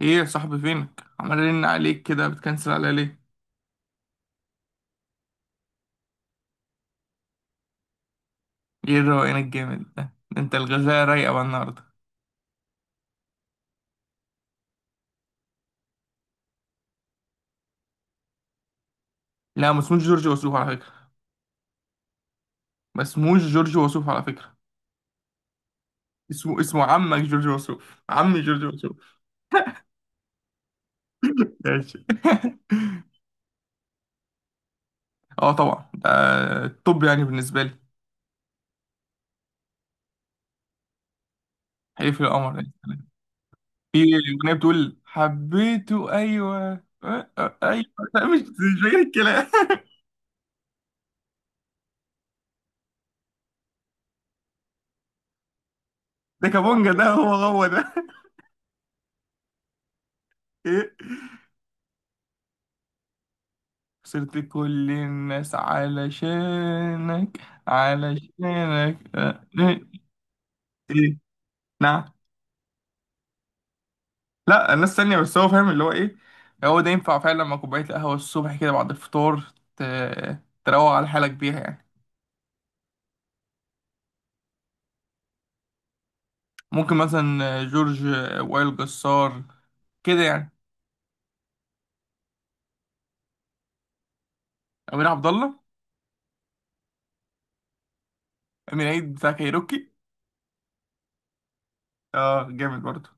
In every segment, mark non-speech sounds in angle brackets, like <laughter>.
ايه يا صاحبي، فينك؟ عمال ارن عليك كده، بتكنسل عليا ليه؟ ايه الروقان الجامد ده انت؟ الغزاله رايقه بقى النهارده. لا، ما اسموش جورج وسوف على فكره. ما اسموش جورج وسوف على فكره. اسمه عمك جورج وسوف، عمي جورج وسوف. <laughs> ماشي. <laughs> اه طبعا، ده الطب يعني بالنسبه لي. حليف القمر يعني. في اغنيه بتقول: حبيته ايوه أه، أه، ايوه. لا، مش غير الكلام. <laughs> ده كابونجا ده، هو هو ده. <laughs> ايه؟ خسرت كل الناس علشانك، علشانك. إيه؟ إيه. نعم. لا، الناس تانية بس هو فاهم اللي هو إيه. هو ده ينفع فعلا مع كوباية القهوة الصبح كده بعد الفطار. ت... تروق على حالك بيها يعني. ممكن مثلا جورج، وائل جسار، كده يعني. أمير عبد الله. أمير عيد بتاع كايروكي. اه جامد برضه.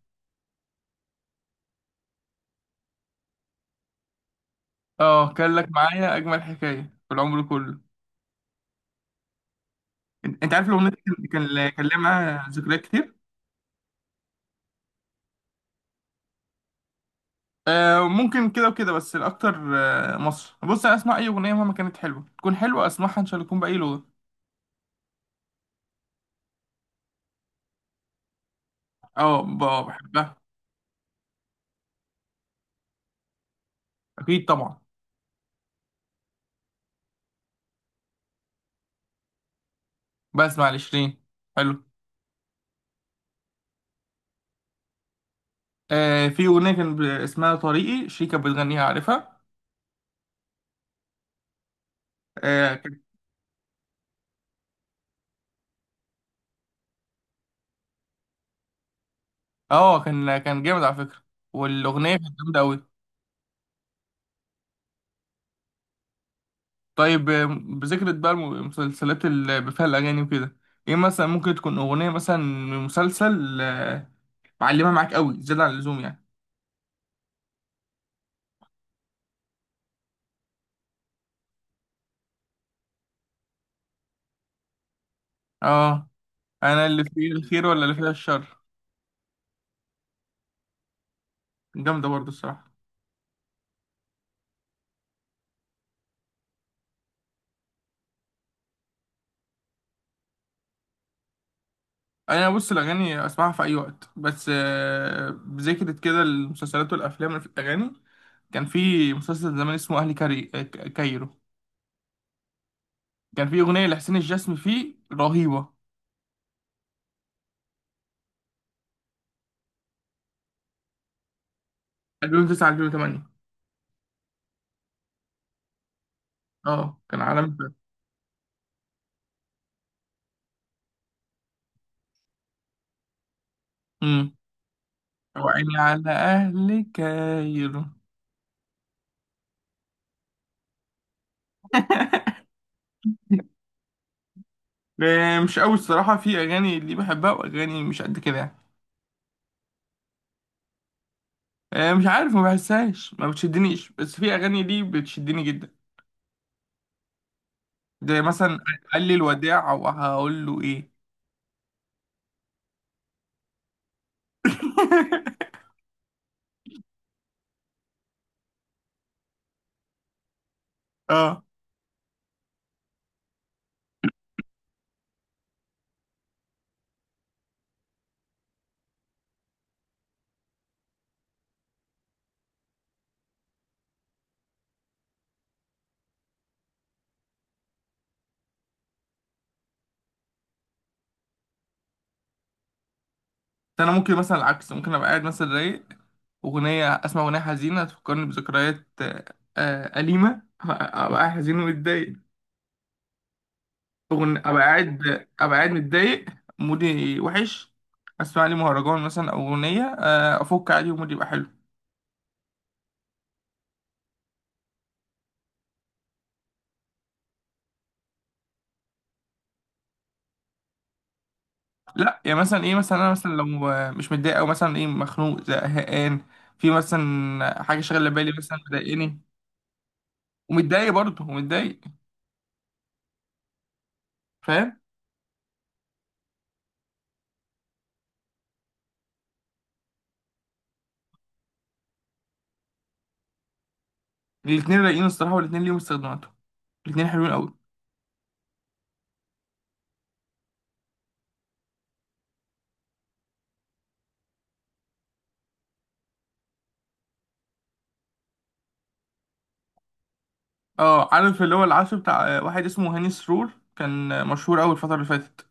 اه، كان لك معايا أجمل حكاية في العمر كله. أنت عارف الأغنية دي. كان ليها معاها ذكريات كتير. آه ممكن كده وكده، بس الأكتر آه مصر. بص، أنا أسمع أي أغنية مهما كانت حلوة، تكون حلوة أسمعها إن شاء الله، تكون بأي لغة. أه، بحبها. أكيد طبعا. بسمع لشيرين. حلو. آه، في أغنية كان اسمها طريقي، شيرين كانت بتغنيها، عارفها. أه كان. كان جامد على فكرة. والأغنية كانت جامدة أوي. طيب، بذكرة بقى المسلسلات اللي بفيها الأغاني وكده، إيه مثلا ممكن تكون أغنية مثلا من مسلسل معلمة معاك أوي زيادة عن اللزوم يعني. أه. انا اللي فيه الخير ولا اللي فيها الشر؟ جامده برضه الصراحه. انا بص، الاغاني اسمعها في اي وقت، بس بذكرت كده المسلسلات والافلام في الاغاني. كان في مسلسل زمان اسمه اهلي كايرو. كان في اغنيه لحسين الجسمي فيه رهيبه. 2009، 2008. اه كان عالمي. امم وعيني على اهل كايرو. مش قوي الصراحه، في اغاني اللي بحبها واغاني مش قد كده يعني. مش عارف، ما بحسهاش، ما بتشدنيش، بس في اغاني ليه بتشدني جدا. ده مثلا قال لي الوداع، او هقول له ايه. <laughs> اه، ده انا ممكن مثلا العكس، ممكن ابقى قاعد مثلا رايق، اغنيه، اسمع اغنيه حزينه تفكرني بذكريات اليمه، ابقى قاعد حزين ومتضايق. أغن- ابقى قاعد ابقى قاعد متضايق، مودي وحش. اسمع لي مهرجان مثلا او اغنيه افك عليه، ومودي يبقى حلو. لا يعني مثلا ايه، مثلا انا مثلا لو مش متضايق، او مثلا ايه، مخنوق، زهقان، في مثلا حاجه شاغله بالي، مثلا مضايقاني ومتضايق برضه ومتضايق، فاهم. الاتنين رايقين الصراحه، والاتنين ليهم استخداماتهم. الاتنين حلوين قوي. اه، عارف اللي هو العزف بتاع واحد اسمه هاني سرور، كان مشهور قوي الفتره اللي فاتت.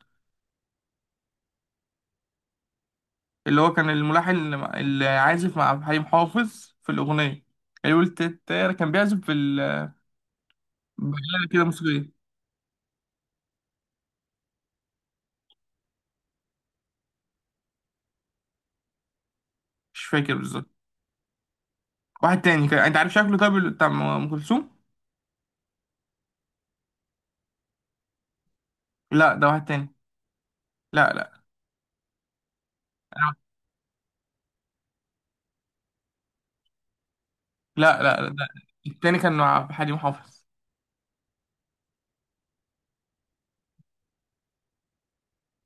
اللي هو كان الملحن اللي اللي عازف مع عبد الحليم حافظ في الاغنيه اللي قلت التاير، كان بيعزف في بآلة كده موسيقيه. مش فاكر بالظبط. واحد تاني انت عارف شكله طيب اللي بتاع أم كلثوم؟ لا، ده واحد تاني. لا لا لا لا، لا. ده التاني كان مع عبد الحليم حافظ.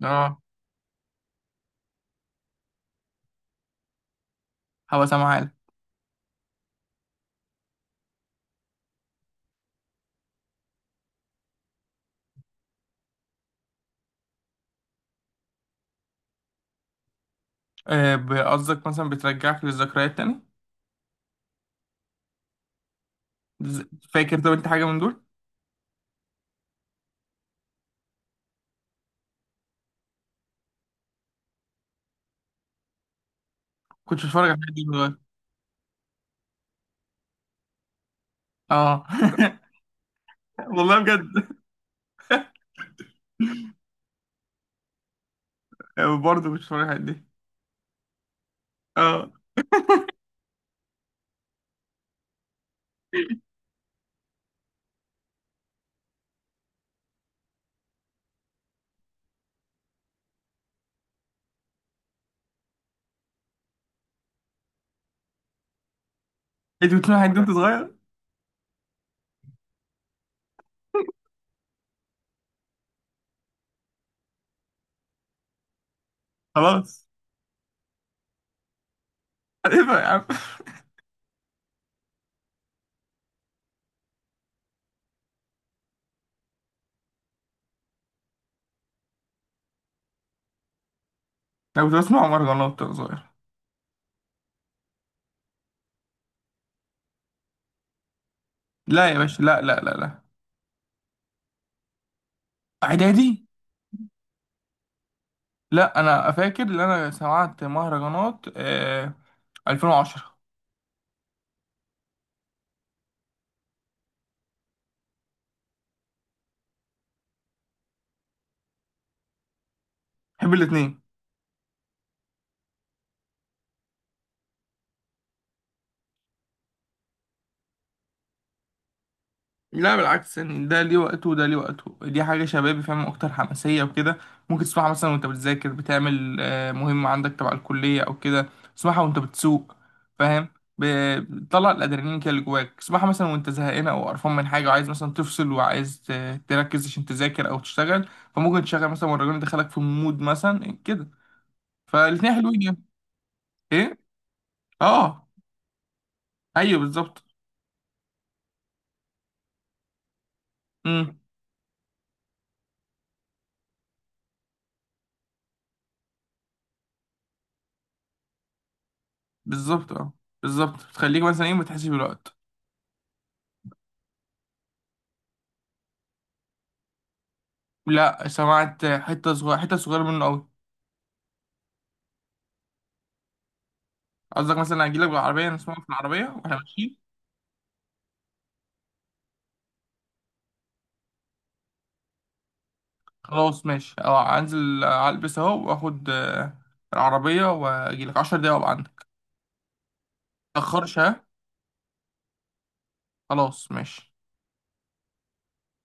اه. هبقى سامعها لك. قصدك مثلا بترجعك للذكريات تاني. ز- فاكر طب انت حاجه من دول؟ كنت بتفرج على الحاجات دي من زمان. اه. <laughs> والله بجد. برضه كنت بتفرج على الحاجات دي. اه، انت كنت بتسمع الحاجات دي وانت صغير. خلاص. <laughs> هتفرق يا عم. انا كنت بسمع مهرجانات وانا صغير. لا يا باشا، لا لا لا لا. اعدادي. لا، انا فاكر ان انا سمعت مهرجانات 2010. بحب الاثنين. لا بالعكس يعني، ده ليه وقته وده ليه وقته، دي حاجة شبابي فاهم، أكتر حماسية وكده. ممكن تسمعها مثلا وأنت بتذاكر، بتعمل مهمة عندك تبع الكلية أو كده. تسمعها وأنت بتسوق، فاهم. ب- بتطلع الأدرينالين كده اللي جواك، تسمعها مثلا وأنت زهقان أو قرفان من حاجة، وعايز مثلا تفصل، وعايز تركز عشان تذاكر أو تشتغل، فممكن تشغل مثلا والراجل يدخلك في مود مثلا كده. فالاتنين حلوين يعني. إيه؟ أه. أيوه بالظبط. أمم بالظبط أه. بالظبط تخليك مثلا إيه، ما تحسش بالوقت. لا، سمعت حتة صغيرة، حتة صغيرة منه قوي. قصدك مثلا اجيلك بالعربية، نسمعه في العربية واحنا ماشيين. خلاص ماشي، اه انزل، البس اهو، واخد العربية واجيلك 10 دقايق وابقى عندك. متأخرش، ها. خلاص ماشي.